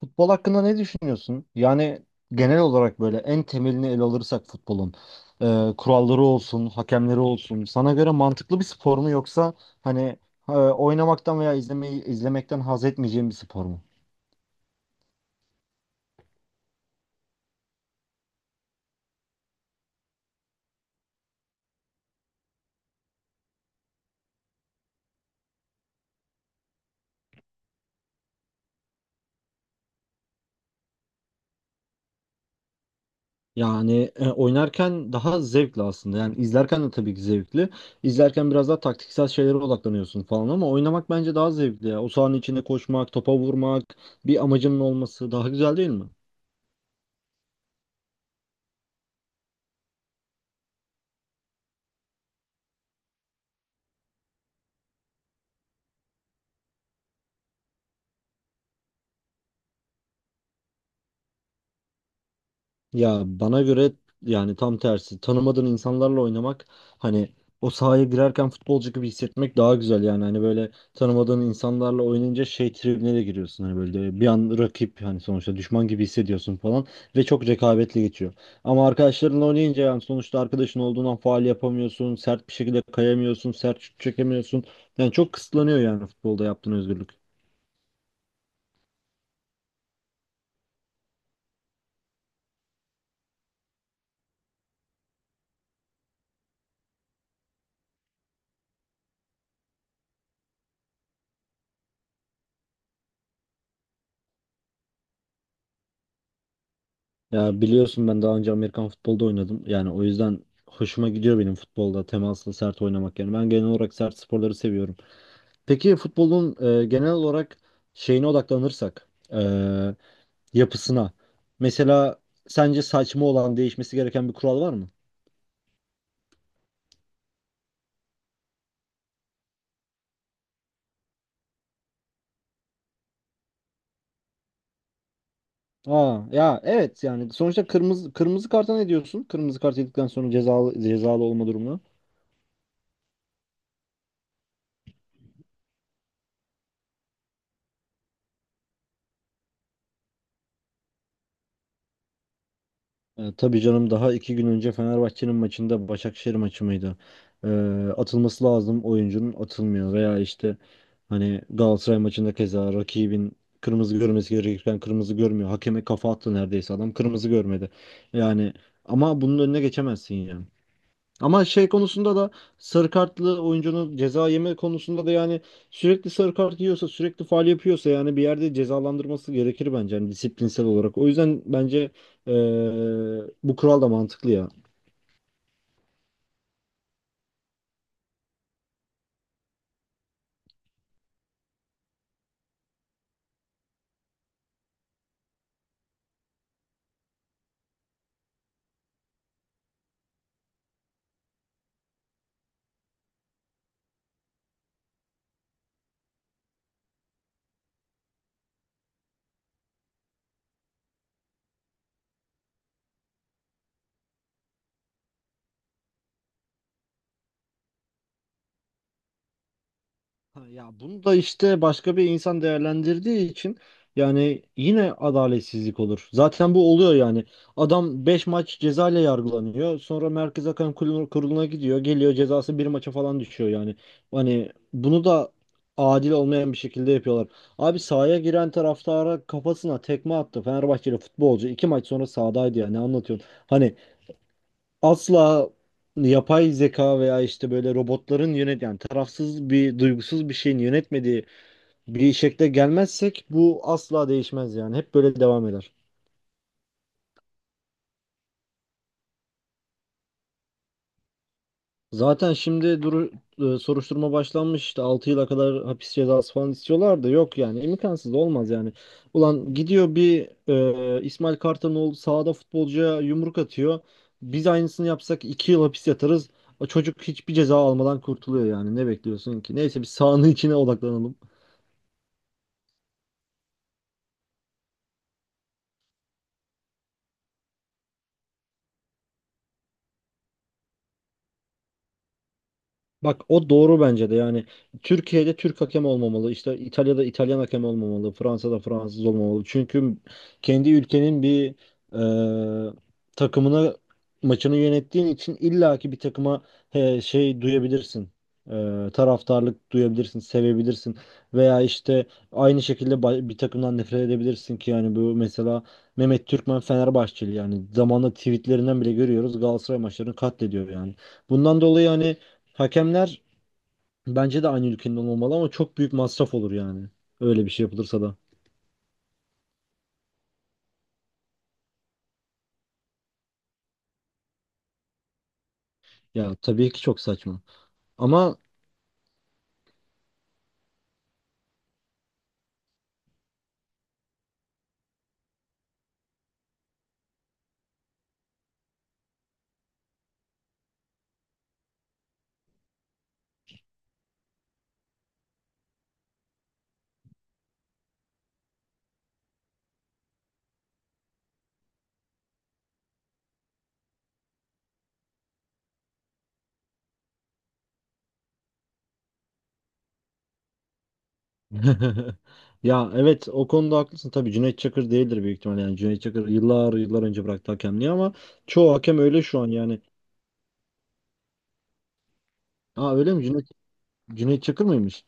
Futbol hakkında ne düşünüyorsun? Yani genel olarak böyle en temelini ele alırsak futbolun kuralları olsun, hakemleri olsun. Sana göre mantıklı bir spor mu, yoksa hani oynamaktan veya izlemekten haz etmeyeceğim bir spor mu? Yani oynarken daha zevkli aslında. Yani izlerken de tabii ki zevkli. İzlerken biraz daha taktiksel şeylere odaklanıyorsun falan, ama oynamak bence daha zevkli, ya. O sahanın içinde koşmak, topa vurmak, bir amacının olması daha güzel değil mi? Ya bana göre yani tam tersi. Tanımadığın insanlarla oynamak, hani o sahaya girerken futbolcu gibi hissetmek daha güzel yani. Hani böyle tanımadığın insanlarla oynayınca şey tribine de giriyorsun. Hani böyle bir an rakip, hani sonuçta düşman gibi hissediyorsun falan ve çok rekabetli geçiyor. Ama arkadaşlarınla oynayınca yani sonuçta arkadaşın olduğundan faal yapamıyorsun, sert bir şekilde kayamıyorsun, sert şut çekemiyorsun. Yani çok kısıtlanıyor yani futbolda yaptığın özgürlük. Ya biliyorsun, ben daha önce Amerikan futbolda oynadım. Yani o yüzden hoşuma gidiyor benim futbolda temaslı sert oynamak. Yani ben genel olarak sert sporları seviyorum. Peki futbolun genel olarak şeyine odaklanırsak, yapısına. Mesela sence saçma olan, değişmesi gereken bir kural var mı? Aa, ya evet, yani sonuçta kırmızı karta ne diyorsun? Kırmızı kart yedikten sonra cezalı olma durumu. E, tabii canım, daha iki gün önce Fenerbahçe'nin maçında, Başakşehir maçı mıydı? E, atılması lazım oyuncunun, atılmıyor; veya işte hani Galatasaray maçında keza rakibin kırmızı görmesi gerekirken kırmızı görmüyor. Hakeme kafa attı neredeyse adam, kırmızı görmedi. Yani ama bunun önüne geçemezsin ya. Ama şey konusunda da, sarı kartlı oyuncunun ceza yeme konusunda da yani, sürekli sarı kart yiyorsa, sürekli faul yapıyorsa yani bir yerde cezalandırması gerekir bence, yani disiplinsel olarak. O yüzden bence eee, bu kural da mantıklı ya. Ha, ya bunu da işte başka bir insan değerlendirdiği için yani yine adaletsizlik olur. Zaten bu oluyor yani. Adam 5 maç ceza ile yargılanıyor. Sonra Merkez Hakem Kurulu'na gidiyor. Geliyor cezası bir maça falan düşüyor yani. Hani bunu da adil olmayan bir şekilde yapıyorlar. Abi sahaya giren taraftara, kafasına tekme attı. Fenerbahçeli futbolcu 2 maç sonra sahadaydı ya. Ne anlatıyorsun? Hani asla yapay zeka veya işte böyle robotların yani tarafsız bir, duygusuz bir şeyin yönetmediği bir şekle gelmezsek bu asla değişmez yani. Hep böyle devam eder. Zaten şimdi soruşturma başlanmış, işte 6 yıla kadar hapis cezası falan istiyorlar da, yok yani, imkansız olmaz yani. Ulan gidiyor bir İsmail Kartanoğlu sahada futbolcuya yumruk atıyor. Biz aynısını yapsak 2 yıl hapis yatarız. O çocuk hiçbir ceza almadan kurtuluyor, yani ne bekliyorsun ki? Neyse, bir sahanın içine odaklanalım. Bak, o doğru bence de. Yani Türkiye'de Türk hakem olmamalı, işte İtalya'da İtalyan hakem olmamalı, Fransa'da Fransız olmamalı. Çünkü kendi ülkenin bir e, takımına maçını yönettiğin için illaki bir takıma he, şey duyabilirsin. Taraftarlık duyabilirsin, sevebilirsin, veya işte aynı şekilde bir takımdan nefret edebilirsin ki, yani bu mesela Mehmet Türkmen Fenerbahçeli, yani zamanla tweetlerinden bile görüyoruz, Galatasaray maçlarını katlediyor yani. Bundan dolayı hani hakemler bence de aynı ülkenin olmalı, ama çok büyük masraf olur yani. Öyle bir şey yapılırsa da. Ya tabii ki çok saçma. Ama ya evet, o konuda haklısın. Tabii Cüneyt Çakır değildir büyük ihtimalle. Yani Cüneyt Çakır yıllar yıllar önce bıraktı hakemliği, ama çoğu hakem öyle şu an yani. Aa, öyle mi? Cüneyt Çakır mıymış?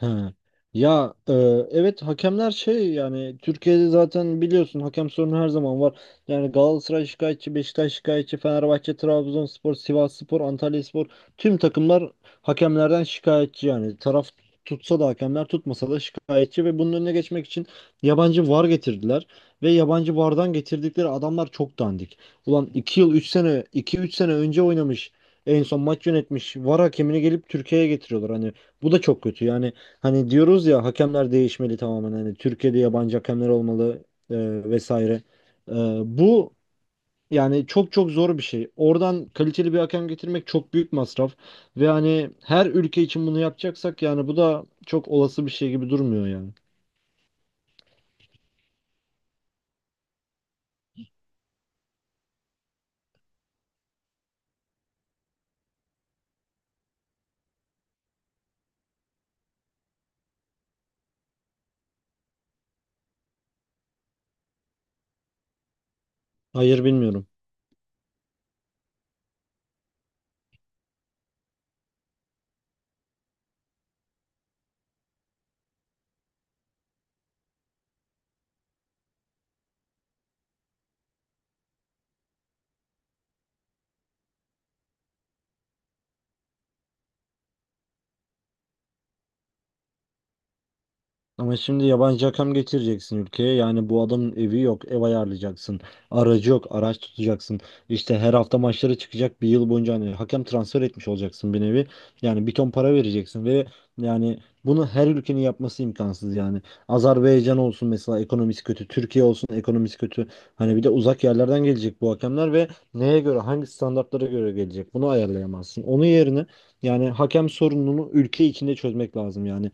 He. Ya, evet hakemler şey, yani Türkiye'de zaten biliyorsun, hakem sorunu her zaman var. Yani Galatasaray şikayetçi, Beşiktaş şikayetçi, Fenerbahçe, Trabzonspor, Sivasspor, Antalyaspor, tüm takımlar hakemlerden şikayetçi yani. Taraf tutsa da hakemler, tutmasa da şikayetçi; ve bunun önüne geçmek için yabancı VAR getirdiler, ve yabancı VAR'dan getirdikleri adamlar çok dandik. Ulan, iki üç sene önce oynamış, en son maç yönetmiş VAR hakemini gelip Türkiye'ye getiriyorlar, hani bu da çok kötü yani. Hani diyoruz ya, hakemler değişmeli tamamen. Hani Türkiye'de yabancı hakemler olmalı, e, vesaire. E, bu yani çok çok zor bir şey. Oradan kaliteli bir hakem getirmek çok büyük masraf. Ve hani her ülke için bunu yapacaksak, yani bu da çok olası bir şey gibi durmuyor yani. Hayır, bilmiyorum. Ama şimdi yabancı hakem getireceksin ülkeye. Yani bu adamın evi yok, ev ayarlayacaksın. Aracı yok, araç tutacaksın. İşte her hafta maçlara çıkacak bir yıl boyunca, hani hakem transfer etmiş olacaksın bir nevi. Yani bir ton para vereceksin, ve yani bunu her ülkenin yapması imkansız yani. Azerbaycan olsun mesela, ekonomisi kötü; Türkiye olsun, ekonomisi kötü. Hani bir de uzak yerlerden gelecek bu hakemler, ve neye göre, hangi standartlara göre gelecek? Bunu ayarlayamazsın. Onun yerine yani hakem sorununu ülke içinde çözmek lazım yani.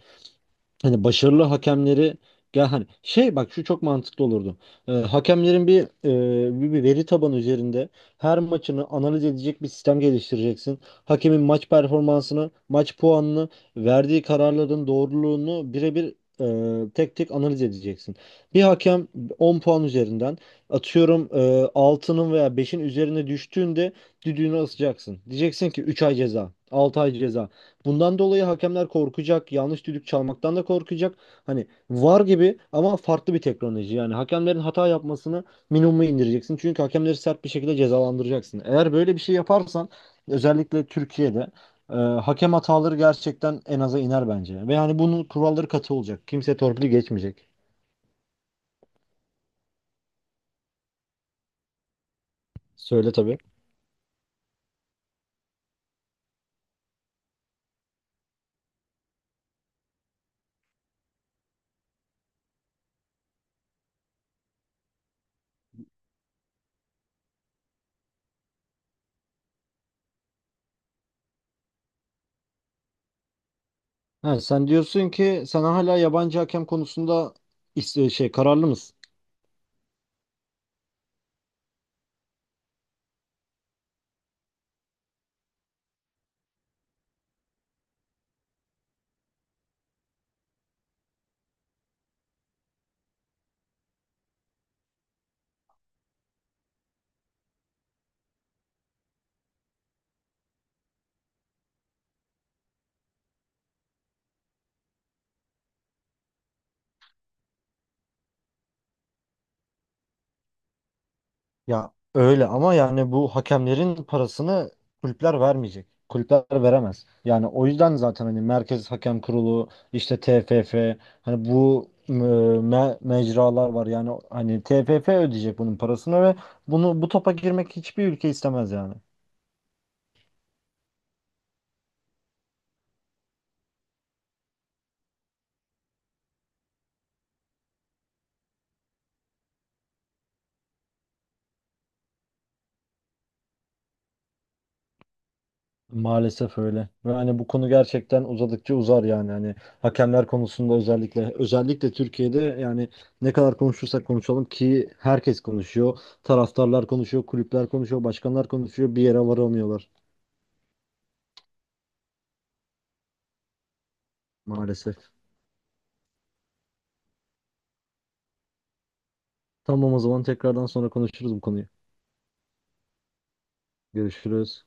Hani başarılı hakemleri, ya hani şey, bak şu çok mantıklı olurdu. Hakemlerin bir, e, bir bir veri tabanı üzerinde her maçını analiz edecek bir sistem geliştireceksin. Hakemin maç performansını, maç puanını, verdiği kararların doğruluğunu birebir, tek tek analiz edeceksin. Bir hakem 10 puan üzerinden atıyorum 6'nın veya beşin üzerine düştüğünde düdüğünü asacaksın. Diyeceksin ki 3 ay ceza, 6 ay ceza. Bundan dolayı hakemler korkacak, yanlış düdük çalmaktan da korkacak. Hani VAR gibi, ama farklı bir teknoloji. Yani hakemlerin hata yapmasını minimuma indireceksin. Çünkü hakemleri sert bir şekilde cezalandıracaksın. Eğer böyle bir şey yaparsan, özellikle Türkiye'de hakem hataları gerçekten en aza iner bence. Ve yani bunun kuralları katı olacak. Kimse torpili geçmeyecek. Söyle tabii. Ha, sen diyorsun ki, sen hala yabancı hakem konusunda şey, kararlı mısın? Ya öyle, ama yani bu hakemlerin parasını kulüpler vermeyecek. Kulüpler veremez. Yani o yüzden zaten hani Merkez Hakem Kurulu, işte TFF, hani bu mecralar var. Yani hani TFF ödeyecek bunun parasını, ve bunu, bu topa girmek hiçbir ülke istemez yani. Maalesef öyle. Ve hani bu konu gerçekten uzadıkça uzar yani. Hani hakemler konusunda özellikle Türkiye'de yani, ne kadar konuşursak konuşalım ki herkes konuşuyor. Taraftarlar konuşuyor, kulüpler konuşuyor, başkanlar konuşuyor. Bir yere varamıyorlar maalesef. Tamam, o zaman tekrardan sonra konuşuruz bu konuyu. Görüşürüz.